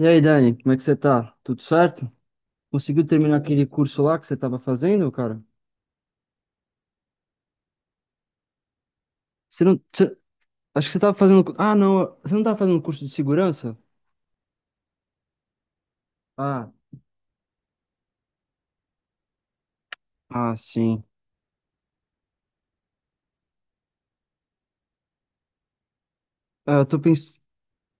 E aí, Dani, como é que você tá? Tudo certo? Conseguiu terminar aquele curso lá que você tava fazendo, cara? Você não. Acho que você tava fazendo. Ah, não. Você não tava fazendo curso de segurança? Ah, ah, sim. Ah, eu tô pens...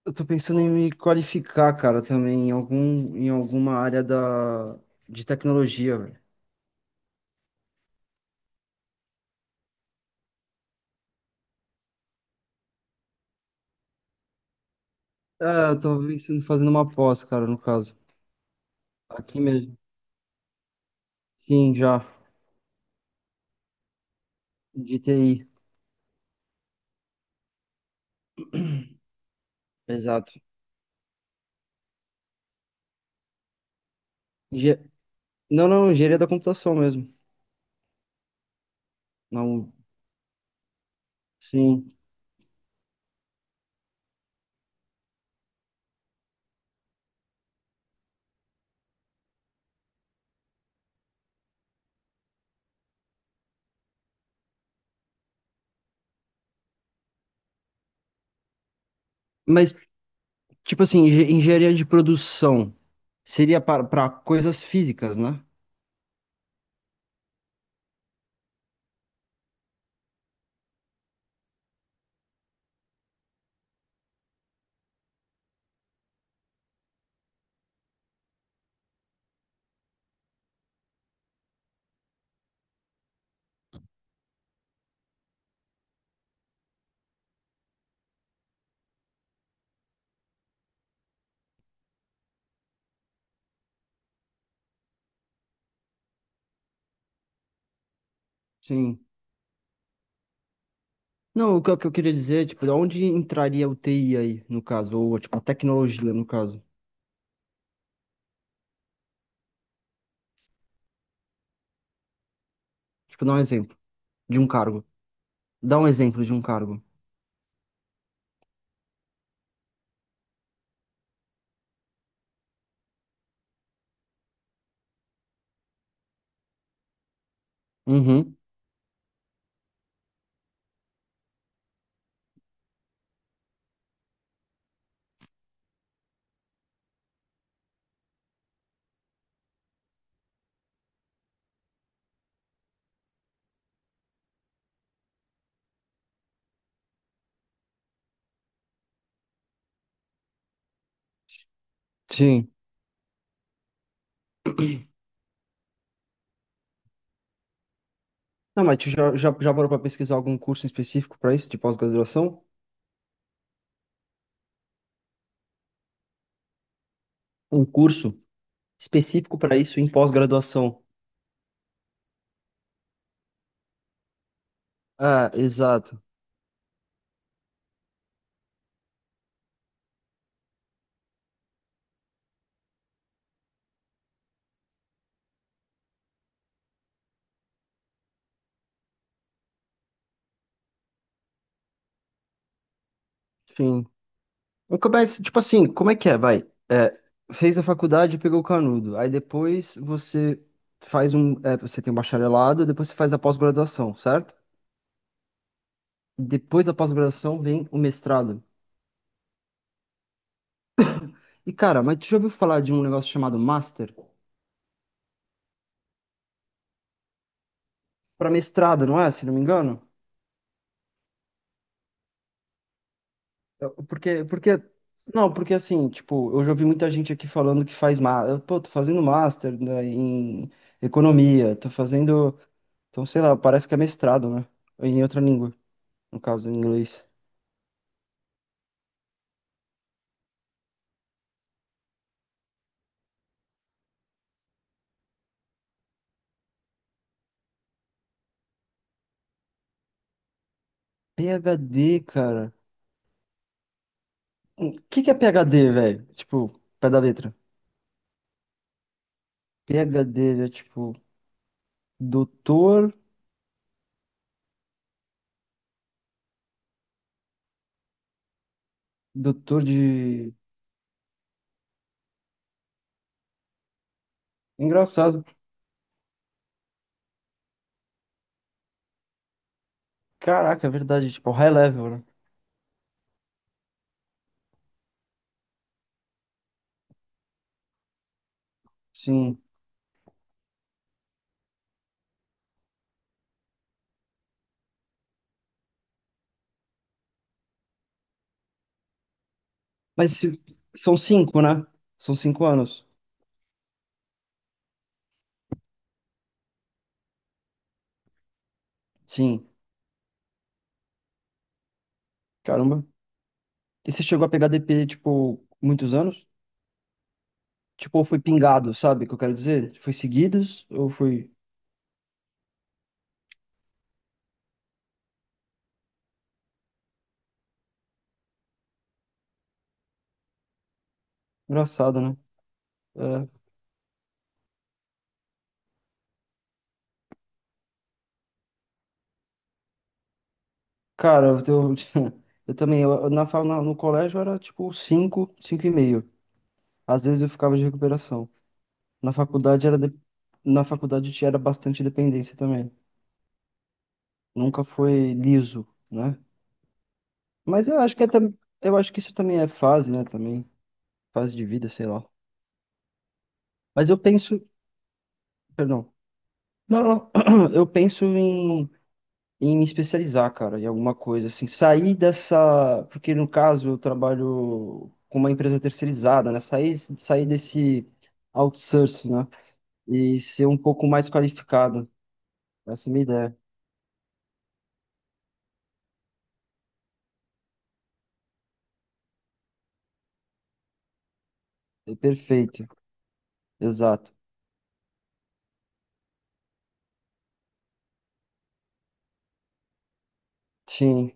eu tô pensando em me qualificar, cara, também em algum... em alguma área da... de tecnologia, velho. Ah, eu tô pensando em fazer uma pós, cara, no caso. Aqui mesmo. Sim, já. De T I. Exato. Engen- Não, não, engenharia da computação mesmo. Não, sim. Mas tipo assim, engenharia de produção seria para coisas físicas, né? Sim. Não, o que, o que eu queria dizer é, tipo, onde entraria o TI aí, no caso, ou tipo, a tecnologia, no caso. Tipo, dá um exemplo de um cargo. Dá um exemplo de um cargo. Uhum. Sim. Não, mas tu já parou pra pesquisar algum curso específico pra isso, de pós-graduação? Um curso específico pra isso em pós-graduação. Ah, exato. Sim. Eu começo, tipo assim, como é que é? Vai. É, fez a faculdade, pegou o canudo. Aí depois você faz um. É, você tem um bacharelado, depois você faz a pós-graduação, certo? E depois da pós-graduação vem o mestrado. E cara, mas tu já ouviu falar de um negócio chamado master? Para mestrado, não é? Se não me engano? Eu- Porque, porque. Não, porque assim, tipo, eu já ouvi muita gente aqui falando que faz. Eu, pô, tô fazendo master, né, em economia, tô fazendo. Então, sei lá, parece que é mestrado, né? Em outra língua, no caso em inglês. PhD, cara. O que que é PhD, velho? Tipo, pé da letra. PhD é tipo, doutor, doutor de. Engraçado. Caraca, é verdade, tipo, high level, né? Sim. Mas se- São cinco, né? São cinco anos. Sim. Caramba. E você chegou a pegar DP, tipo, muitos anos? Tipo, ou foi pingado, sabe o que eu quero dizer? Foi seguidos ou foi. Engraçado, né? Cara, eu também, eu, na, fa- na- no colégio era tipo 5, 5 e meio. Às vezes eu ficava de recuperação. Na faculdade era de- Na faculdade tinha era bastante dependência também. Nunca foi liso, né? Mas eu acho que é, eu acho que isso também é fase, né, também, fase de vida, sei lá. Mas eu penso, perdão. Não, não, eu penso em me especializar, cara, em alguma coisa, assim, sair dessa, porque no caso eu trabalho com uma empresa terceirizada, né? Sair desse outsourcing, né? E ser um pouco mais qualificado. Essa é a minha ideia. É perfeito. Exato. Sim.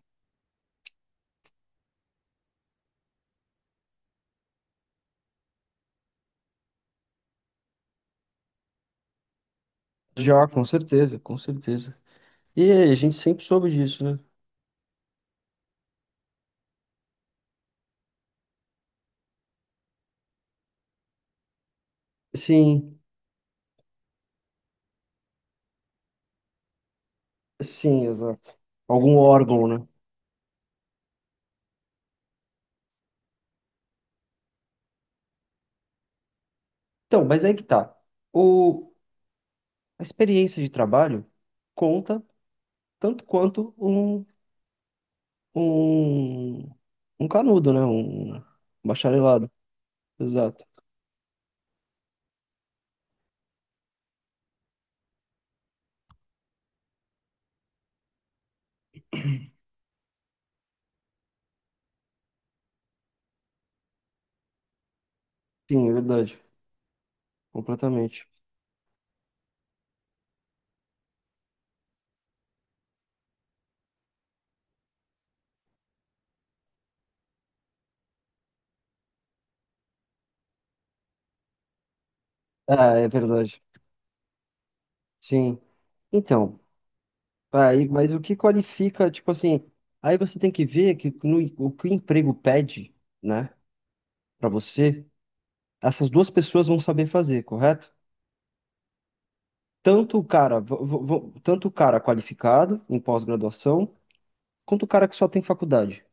Já, com certeza, com certeza. E a gente sempre soube disso, né? Sim, sim, exato. Algum órgão, né? Então, mas aí que tá. O, a experiência de trabalho conta tanto quanto um um, um canudo, né? Um bacharelado. Exato. Sim, é verdade. Completamente. Ah, é verdade. Sim. Então, aí, mas o que qualifica, tipo assim, aí você tem que ver que o que o emprego pede, né, pra você, essas duas pessoas vão saber fazer, correto? Tanto o cara, tanto o cara qualificado em pós-graduação, quanto o cara que só tem faculdade.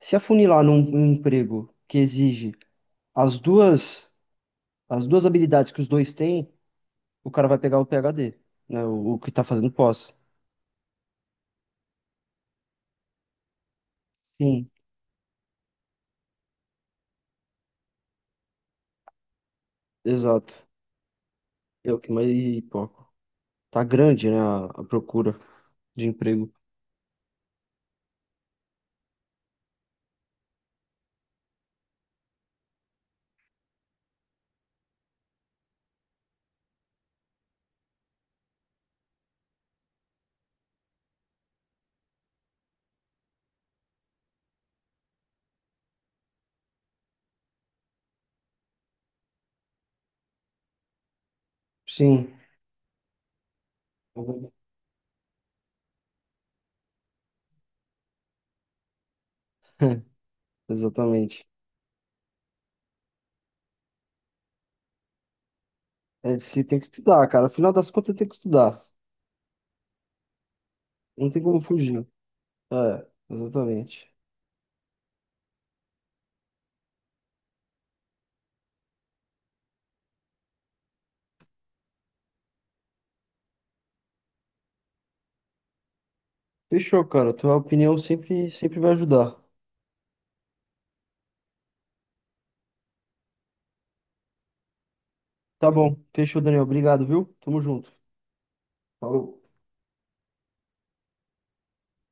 Se afunilar num emprego que exige as duas as duas habilidades que os dois têm, o cara vai pegar o PhD, né? O que tá fazendo pós. Sim, exato. É o que mais, pô, tá grande, né, a procura de emprego. Sim, exatamente. É, você tem que estudar, cara. Afinal das contas, tem que estudar. Não tem como fugir. É, exatamente. Fechou, cara. Tua opinião sempre vai ajudar. Tá bom. Fechou, Daniel. Obrigado, viu? Tamo junto. Falou.